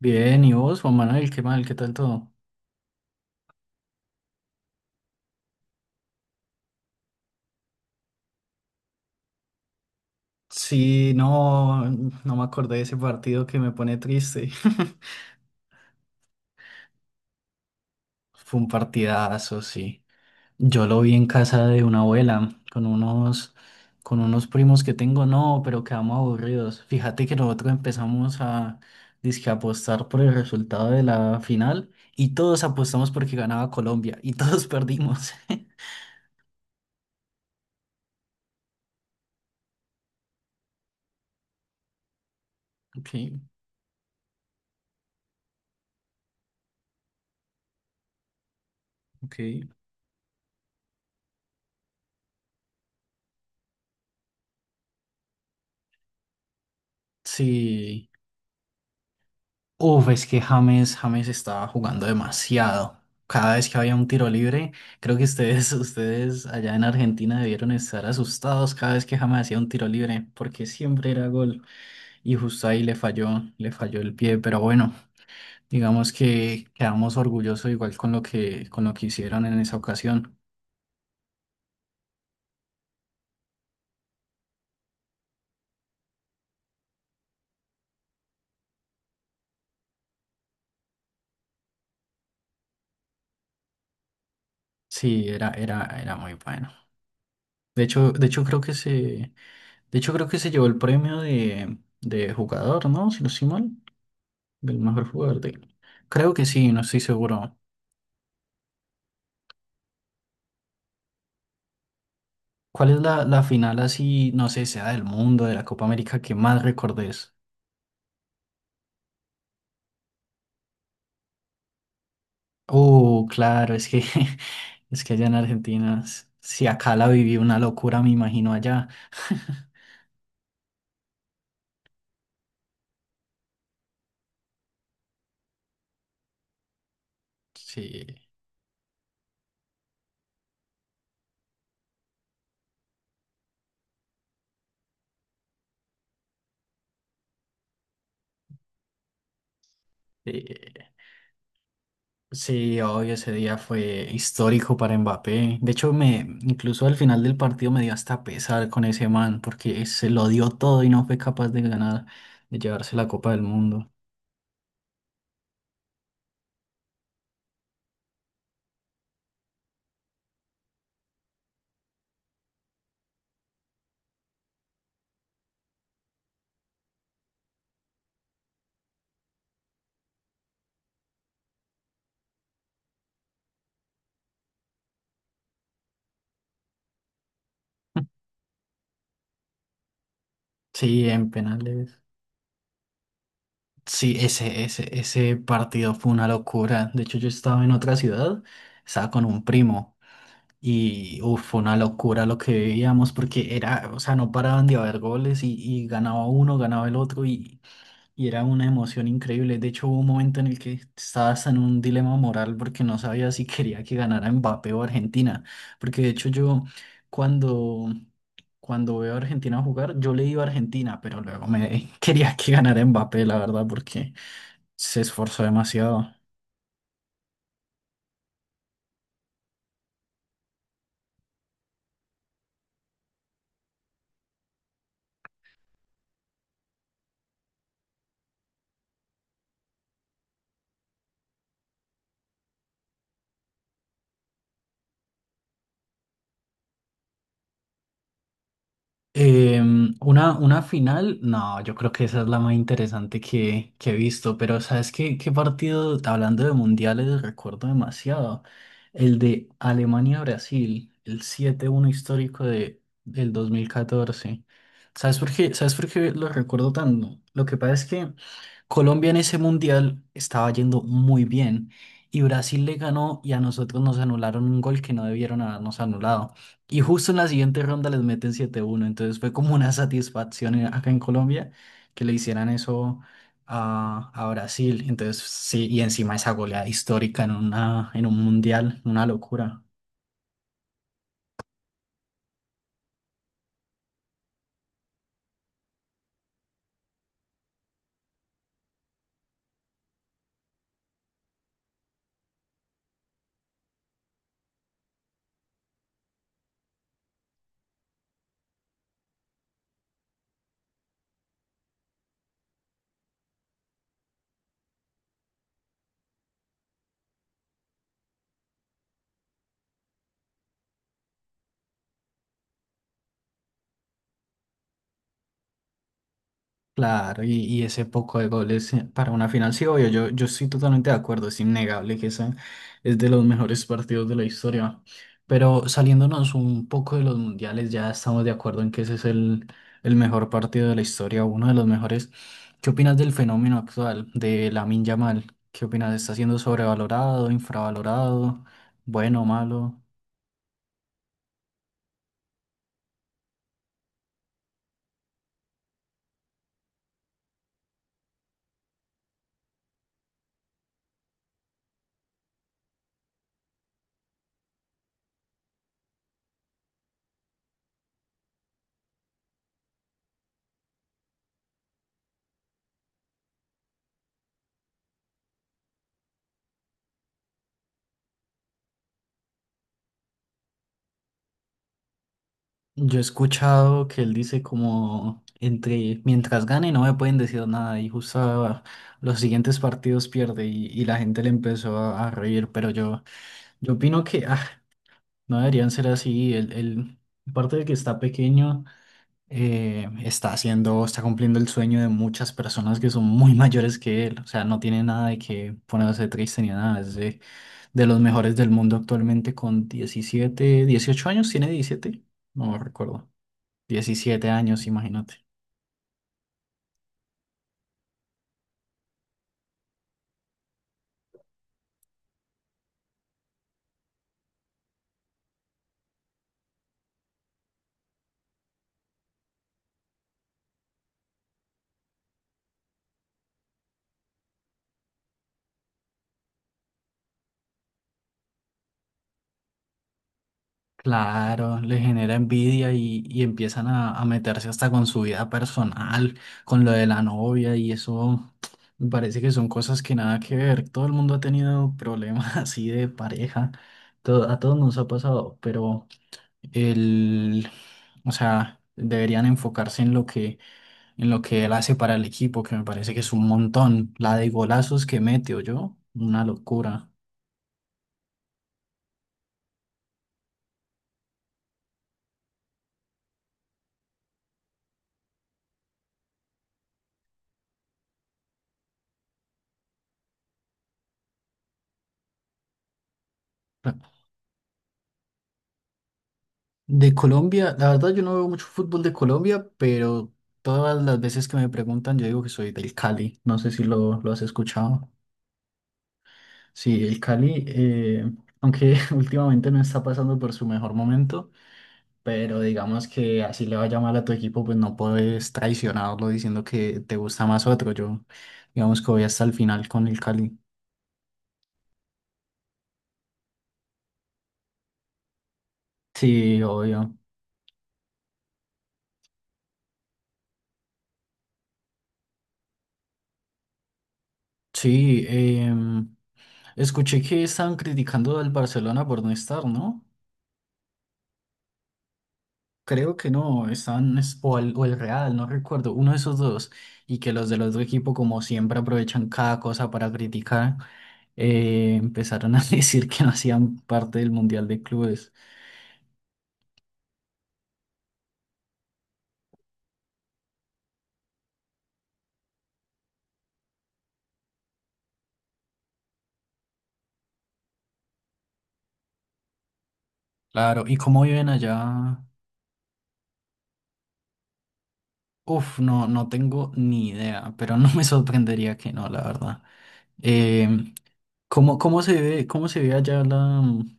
Bien, ¿y vos, Juan Manuel? ¿Qué mal? ¿Qué tal todo? Sí, no, no me acordé de ese partido que me pone triste. Fue un partidazo, sí. Yo lo vi en casa de una abuela con unos primos que tengo, no, pero quedamos aburridos. Fíjate que nosotros empezamos a dizque apostar por el resultado de la final y todos apostamos porque ganaba Colombia y todos perdimos. Ok, ok. Sí. Uf, es que James estaba jugando demasiado. Cada vez que había un tiro libre, creo que ustedes, ustedes allá en Argentina debieron estar asustados cada vez que James hacía un tiro libre, porque siempre era gol. Y justo ahí le falló el pie. Pero bueno, digamos que quedamos orgullosos igual con lo que hicieron en esa ocasión. Sí, era muy bueno. De hecho creo que se, de hecho creo que se llevó el premio de jugador, ¿no? Si no estoy mal. Del mejor jugador de... Creo que sí, no estoy seguro. ¿Cuál es la final así, no sé, sea del mundo, de la Copa América que más recordes? Oh, claro, es que es que allá en Argentina, si acá la viví una locura, me imagino allá. Sí, eh, sí, obvio, ese día fue histórico para Mbappé. De hecho, incluso al final del partido me dio hasta pesar con ese man, porque se lo dio todo y no fue capaz de ganar, de llevarse la Copa del Mundo. Sí, en penales. Sí, ese partido fue una locura. De hecho, yo estaba en otra ciudad, estaba con un primo y uf, fue una locura lo que veíamos porque era, o sea, no paraban de haber goles y ganaba uno, ganaba el otro y era una emoción increíble. De hecho, hubo un momento en el que estabas en un dilema moral porque no sabía si quería que ganara Mbappé o Argentina. Porque de hecho yo cuando, cuando veo a Argentina jugar, yo le iba a Argentina, pero luego me quería que ganara Mbappé, la verdad, porque se esforzó demasiado. Una final, no, yo creo que esa es la más interesante que he visto, pero ¿sabes qué partido, hablando de mundiales, recuerdo demasiado? El de Alemania-Brasil, el 7-1 histórico del 2014. ¿Sabes por qué? ¿Sabes por qué lo recuerdo tanto? Lo que pasa es que Colombia en ese mundial estaba yendo muy bien y Brasil le ganó y a nosotros nos anularon un gol que no debieron habernos anulado. Y justo en la siguiente ronda les meten 7 uno. Entonces fue como una satisfacción acá en Colombia que le hicieran eso a Brasil. Entonces sí, y encima esa goleada histórica en un mundial, una locura. Claro, y ese poco de goles, para una final, sí, obvio, yo estoy totalmente de acuerdo, es innegable que ese es de los mejores partidos de la historia. Pero saliéndonos un poco de los mundiales, ya estamos de acuerdo en que ese es el mejor partido de la historia, uno de los mejores. ¿Qué opinas del fenómeno actual de Lamine Yamal? ¿Qué opinas? ¿Está siendo sobrevalorado, infravalorado, bueno, malo? Yo he escuchado que él dice como entre mientras gane no me pueden decir nada y justo los siguientes partidos pierde y la gente le empezó a reír, pero yo opino que no deberían ser así. El aparte de que está pequeño, está haciendo, está cumpliendo el sueño de muchas personas que son muy mayores que él, o sea, no tiene nada de que ponerse triste ni nada, es de los mejores del mundo actualmente con 17 18 años, tiene 17, no recuerdo, 17 años, imagínate. Claro, le genera envidia y empiezan a meterse hasta con su vida personal, con lo de la novia y eso, me parece que son cosas que nada que ver. Todo el mundo ha tenido problemas así de pareja, a todos nos ha pasado, pero el, o sea, deberían enfocarse en lo que, él hace para el equipo, que me parece que es un montón. La de golazos que mete, yo, una locura. De Colombia, la verdad yo no veo mucho fútbol de Colombia, pero todas las veces que me preguntan yo digo que soy del Cali, no sé si lo has escuchado. Sí, el Cali, aunque últimamente no está pasando por su mejor momento, pero digamos que así le vaya mal a tu equipo, pues no puedes traicionarlo diciendo que te gusta más otro. Yo digamos que voy hasta el final con el Cali. Sí, obvio. Sí, escuché que estaban criticando al Barcelona por no estar, ¿no? Creo que no, están, o el Real, no recuerdo, uno de esos dos, y que los del otro equipo, como siempre, aprovechan cada cosa para criticar, empezaron a decir que no hacían parte del Mundial de Clubes. Claro, ¿y cómo viven allá? Uf, no, no tengo ni idea, pero no me sorprendería que no, la verdad. Em, ¿cómo se ve allá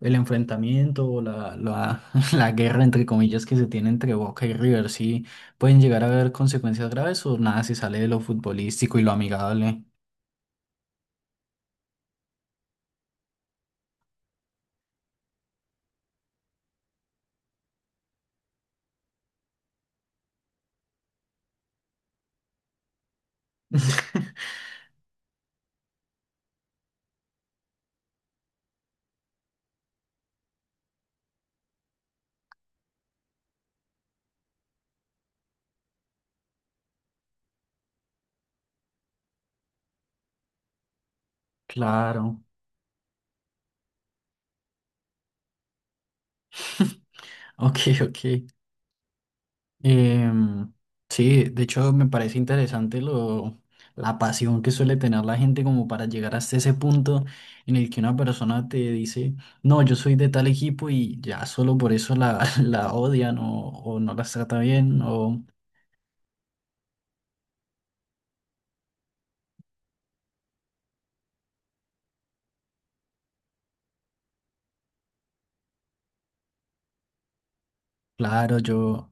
el enfrentamiento o la guerra, entre comillas, que se tiene entre Boca y River? ¿Sí pueden llegar a haber consecuencias graves o nada se sale de lo futbolístico y lo amigable? Claro. Ok, ok. Em, sí, de hecho me parece interesante la pasión que suele tener la gente como para llegar hasta ese punto en el que una persona te dice, no, yo soy de tal equipo y ya solo por eso la, la odian o no las trata bien o claro, yo...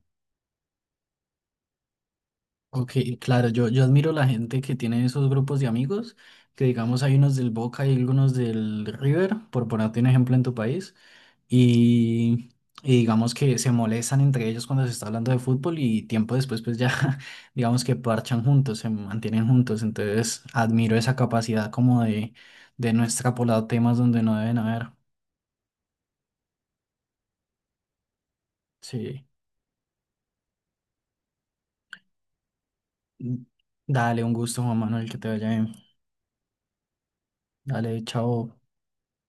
Ok, claro, yo admiro la gente que tiene esos grupos de amigos, que digamos hay unos del Boca y algunos del River, por ponerte un ejemplo en tu país, y, y digamos que se molestan entre ellos cuando se está hablando de fútbol y tiempo después pues ya digamos que parchan juntos, se mantienen juntos, entonces admiro esa capacidad como de, no extrapolar temas donde no deben haber. Sí, dale, un gusto Juan Manuel, que te vaya bien. Dale, chao.